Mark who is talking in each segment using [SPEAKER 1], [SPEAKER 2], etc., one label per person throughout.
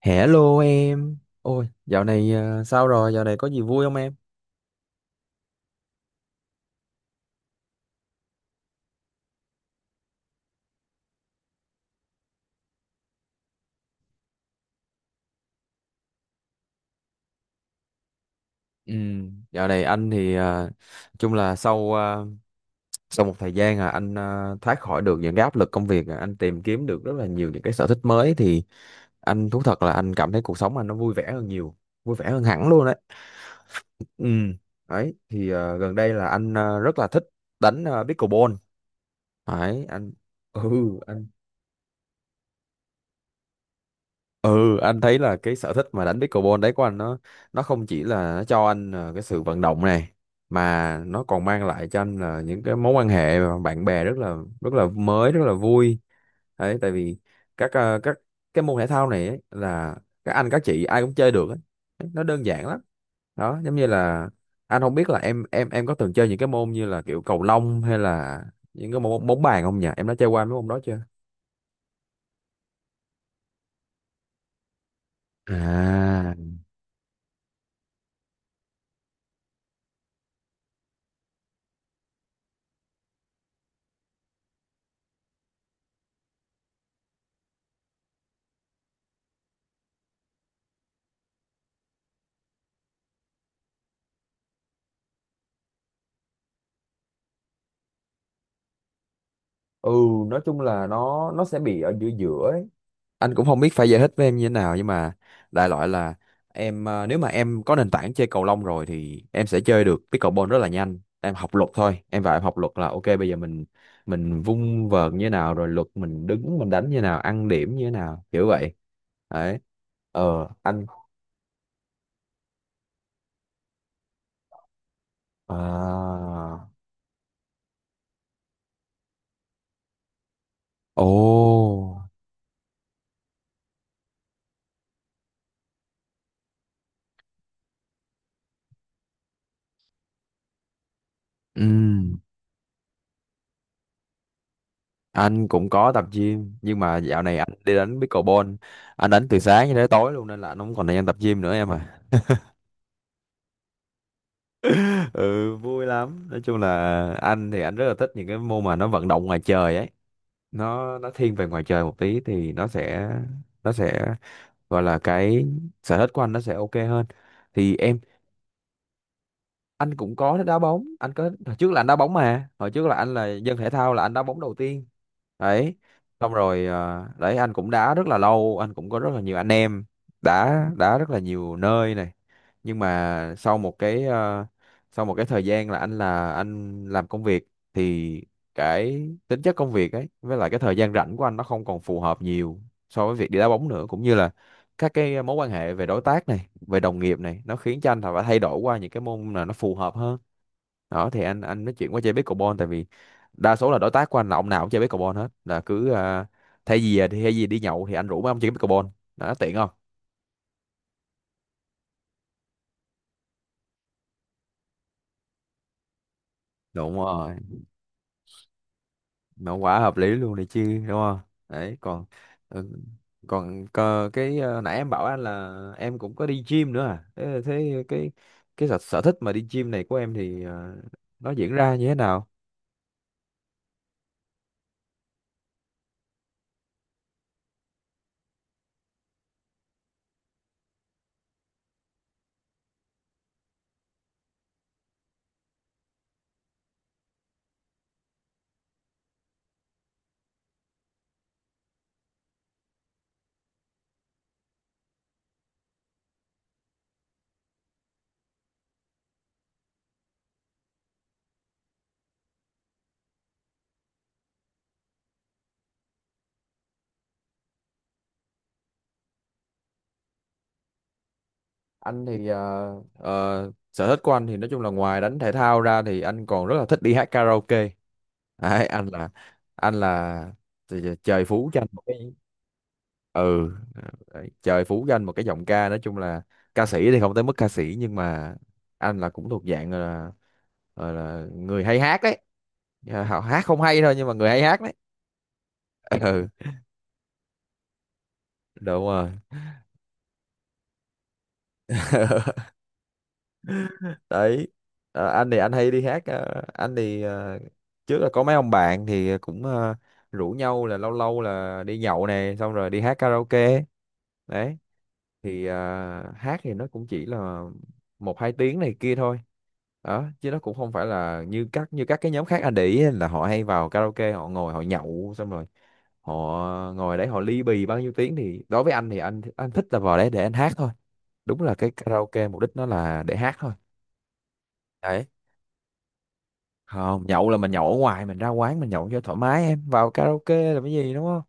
[SPEAKER 1] Hello em. Ôi, dạo này sao rồi? Dạo này có gì vui không em? Ừ, dạo này anh thì chung là sau một thời gian à anh thoát khỏi được những cái áp lực công việc, à, anh tìm kiếm được rất là nhiều những cái sở thích mới, thì anh thú thật là anh cảm thấy cuộc sống anh nó vui vẻ hơn nhiều, vui vẻ hơn hẳn luôn đấy. Ừ, đấy thì gần đây là anh rất là thích đánh pickleball. Đấy, ừ. Ừ, anh thấy là cái sở thích mà đánh pickleball đấy của anh nó không chỉ là nó cho anh cái sự vận động này, mà nó còn mang lại cho anh là những cái mối quan hệ và bạn bè rất là mới, rất là vui đấy, tại vì các cái môn thể thao này ấy, là các anh các chị ai cũng chơi được ấy. Nó đơn giản lắm, đó giống như là anh không biết là em có từng chơi những cái môn như là kiểu cầu lông hay là những cái môn bóng bàn không nhỉ, em đã chơi qua mấy môn đó chưa? À. Ừ, nói chung là nó sẽ bị ở giữa giữa ấy. Anh cũng không biết phải giải thích với em như thế nào, nhưng mà đại loại là em à, nếu mà em có nền tảng chơi cầu lông rồi thì em sẽ chơi được pickleball rất là nhanh, em học luật thôi em, và em học luật là ok, bây giờ mình vung vợt như thế nào, rồi luật mình đứng mình đánh như thế nào, ăn điểm như thế nào, kiểu vậy. Đấy. Anh à. Ồ. Ừ, anh cũng có tập gym nhưng mà dạo này anh đi đánh pickleball, anh đánh từ sáng cho đến tối luôn nên là anh không còn thời gian tập gym nữa em à. Ừ, vui lắm, nói chung là anh thì anh rất là thích những cái môn mà nó vận động ngoài trời ấy, nó thiên về ngoài trời một tí thì nó sẽ gọi là cái sở thích của anh nó sẽ ok hơn. Thì em. Anh cũng có đá bóng, anh có hồi trước là anh đá bóng, mà hồi trước là anh là dân thể thao, là anh đá bóng đầu tiên đấy. Xong rồi, đấy anh cũng đá rất là lâu, anh cũng có rất là nhiều anh em, đá đá rất là nhiều nơi này, nhưng mà sau một cái thời gian là anh làm công việc, thì cái tính chất công việc ấy với lại cái thời gian rảnh của anh nó không còn phù hợp nhiều so với việc đi đá bóng nữa, cũng như là các cái mối quan hệ về đối tác này, về đồng nghiệp này, nó khiến cho anh phải thay đổi qua những cái môn là nó phù hợp hơn. Đó thì anh nói chuyện qua chơi pickleball, tại vì đa số là đối tác của anh là ông nào cũng chơi pickleball hết, là cứ thay vì đi nhậu thì anh rủ mấy ông chơi pickleball. Đó tiện không? Đúng rồi, mà quả hợp lý luôn này chứ đúng không? Đấy, còn. Ừ, còn có cái, nãy em bảo anh là em cũng có đi gym nữa à, thế, cái, sở thích mà đi gym này của em thì nó diễn ra như thế nào? Anh thì sở thích của anh thì nói chung là ngoài đánh thể thao ra thì anh còn rất là thích đi hát karaoke. Đấy, anh là trời trời phú cho anh một cái. Ừ, đấy, trời phú cho anh một cái giọng ca, nói chung là ca sĩ thì không tới mức ca sĩ, nhưng mà anh là cũng thuộc dạng là người hay hát đấy. Dạ, họ hát không hay thôi nhưng mà người hay hát đấy. Ừ. Đúng rồi đấy. Anh thì anh hay đi hát, anh thì trước là có mấy ông bạn thì cũng rủ nhau là lâu lâu là đi nhậu này xong rồi đi hát karaoke đấy. Thì à, hát thì nó cũng chỉ là một hai tiếng này kia thôi, đó chứ nó cũng không phải là như các cái nhóm khác anh để ý ấy, là họ hay vào karaoke họ ngồi họ nhậu xong rồi họ ngồi đấy họ ly bì bao nhiêu tiếng, thì đối với anh thì anh thích là vào đấy để anh hát thôi. Đúng là cái karaoke mục đích nó là để hát thôi. Đấy. Không, nhậu là mình nhậu ở ngoài, mình ra quán mình nhậu cho thoải mái em, vào karaoke là cái gì đúng không?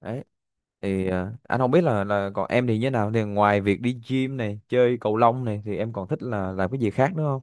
[SPEAKER 1] Đấy. Thì, anh không biết là còn em thì như thế nào, thì ngoài việc đi gym này, chơi cầu lông này thì em còn thích là làm cái gì khác nữa không?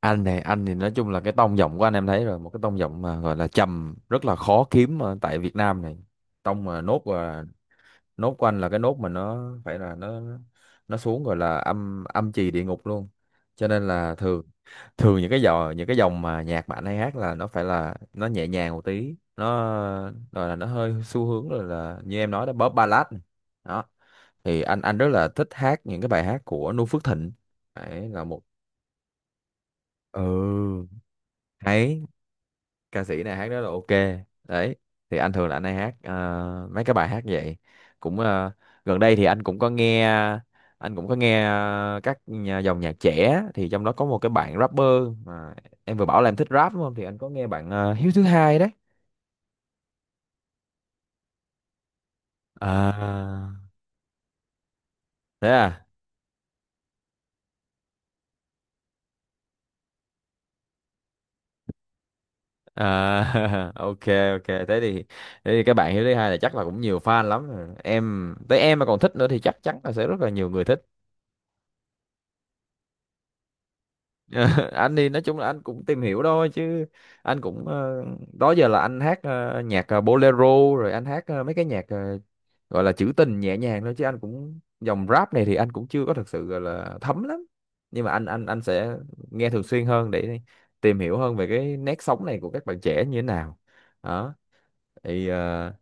[SPEAKER 1] Anh này, anh thì nói chung là cái tông giọng của anh em thấy rồi, một cái tông giọng mà gọi là trầm rất là khó kiếm ở tại Việt Nam này, tông mà nốt, và nốt của anh là cái nốt mà nó phải là nó xuống, gọi là âm âm trì địa ngục luôn. Cho nên là thường thường những cái dòng mà nhạc mà anh hay hát là nó phải là nó nhẹ nhàng một tí, nó rồi là nó hơi xu hướng, rồi là như em nói đó, pop ballad này. Đó thì anh rất là thích hát những cái bài hát của Noo Phước Thịnh. Đấy là một. Ừ, hay. Ca sĩ này hát rất là ok đấy. Thì anh thường là anh hay hát mấy cái bài hát vậy, cũng, gần đây thì anh cũng có nghe, dòng nhạc trẻ, thì trong đó có một cái bạn rapper, mà em vừa bảo là em thích rap đúng không, thì anh có nghe bạn Hiếu thứ hai đấy. À, thế à. À, ok, ok, thế thì các bạn Hiếu thứ hai là chắc là cũng nhiều fan lắm rồi. Em tới em mà còn thích nữa thì chắc chắn là sẽ rất là nhiều người thích. Ờ, anh thì nói chung là anh cũng tìm hiểu thôi, chứ anh cũng, đó giờ là anh hát nhạc, bolero, rồi anh hát mấy cái nhạc gọi là trữ tình nhẹ nhàng thôi, chứ anh cũng dòng rap này thì anh cũng chưa có thực sự gọi là thấm lắm, nhưng mà anh sẽ nghe thường xuyên hơn để tìm hiểu hơn về cái nét sống này của các bạn trẻ như thế nào. Đó thì,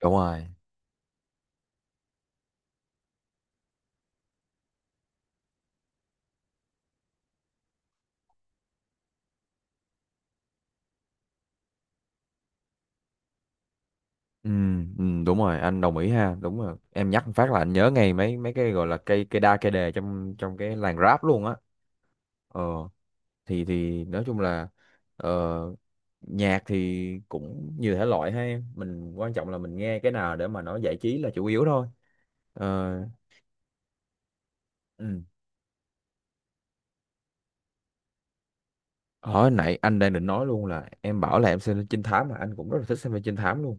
[SPEAKER 1] đúng rồi, ừ, ừ, đúng rồi anh đồng ý ha, đúng rồi em nhắc một phát là anh nhớ ngay mấy mấy cái gọi là cây cây đa cây đề trong trong cái làng rap luôn á. Ờ thì thì nói chung là ờ, nhạc thì cũng nhiều thể loại hay, mình quan trọng là mình nghe cái nào để mà nó giải trí là chủ yếu thôi. ờ ừ. Hồi nãy anh đang định nói luôn là em bảo là em xem trinh thám, mà anh cũng rất là thích xem phim trinh thám luôn.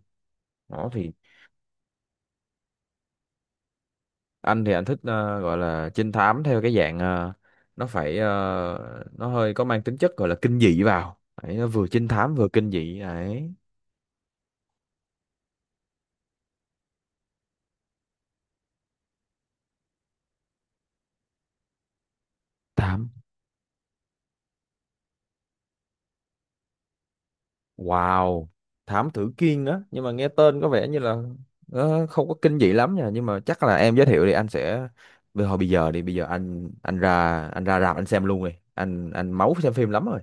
[SPEAKER 1] Đó thì anh thích, gọi là trinh thám theo cái dạng, nó phải, nó hơi có mang tính chất gọi là kinh dị vào. Đấy, nó vừa trinh thám vừa kinh dị đấy. Thám Wow, thám tử Kiên á, nhưng mà nghe tên có vẻ như là không có kinh dị lắm nha, nhưng mà chắc là em giới thiệu thì anh sẽ. Hồi bây giờ đi, bây giờ anh ra rạp anh xem luôn rồi. Anh máu xem phim lắm rồi.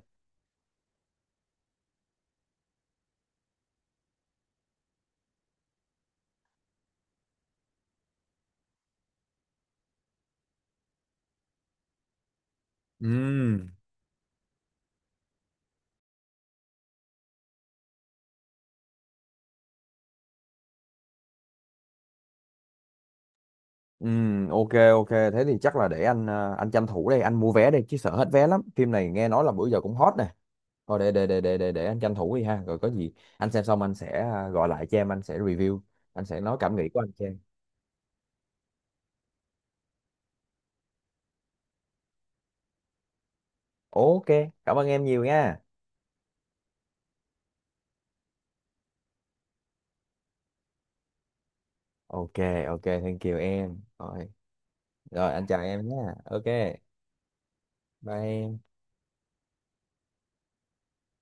[SPEAKER 1] Ừ, ừ, ok, ok, thế thì chắc là để anh, anh tranh thủ đây anh mua vé đây, chứ sợ hết vé lắm, phim này nghe nói là bữa giờ cũng hot nè. Thôi để anh tranh thủ đi ha, rồi có gì anh xem xong anh sẽ gọi lại cho em, anh sẽ review, anh sẽ nói cảm nghĩ của anh cho em. Ok, cảm ơn em nhiều nha. Ok, ok, thank you em. Rồi, rồi anh chào em nhé. Ok, bye em.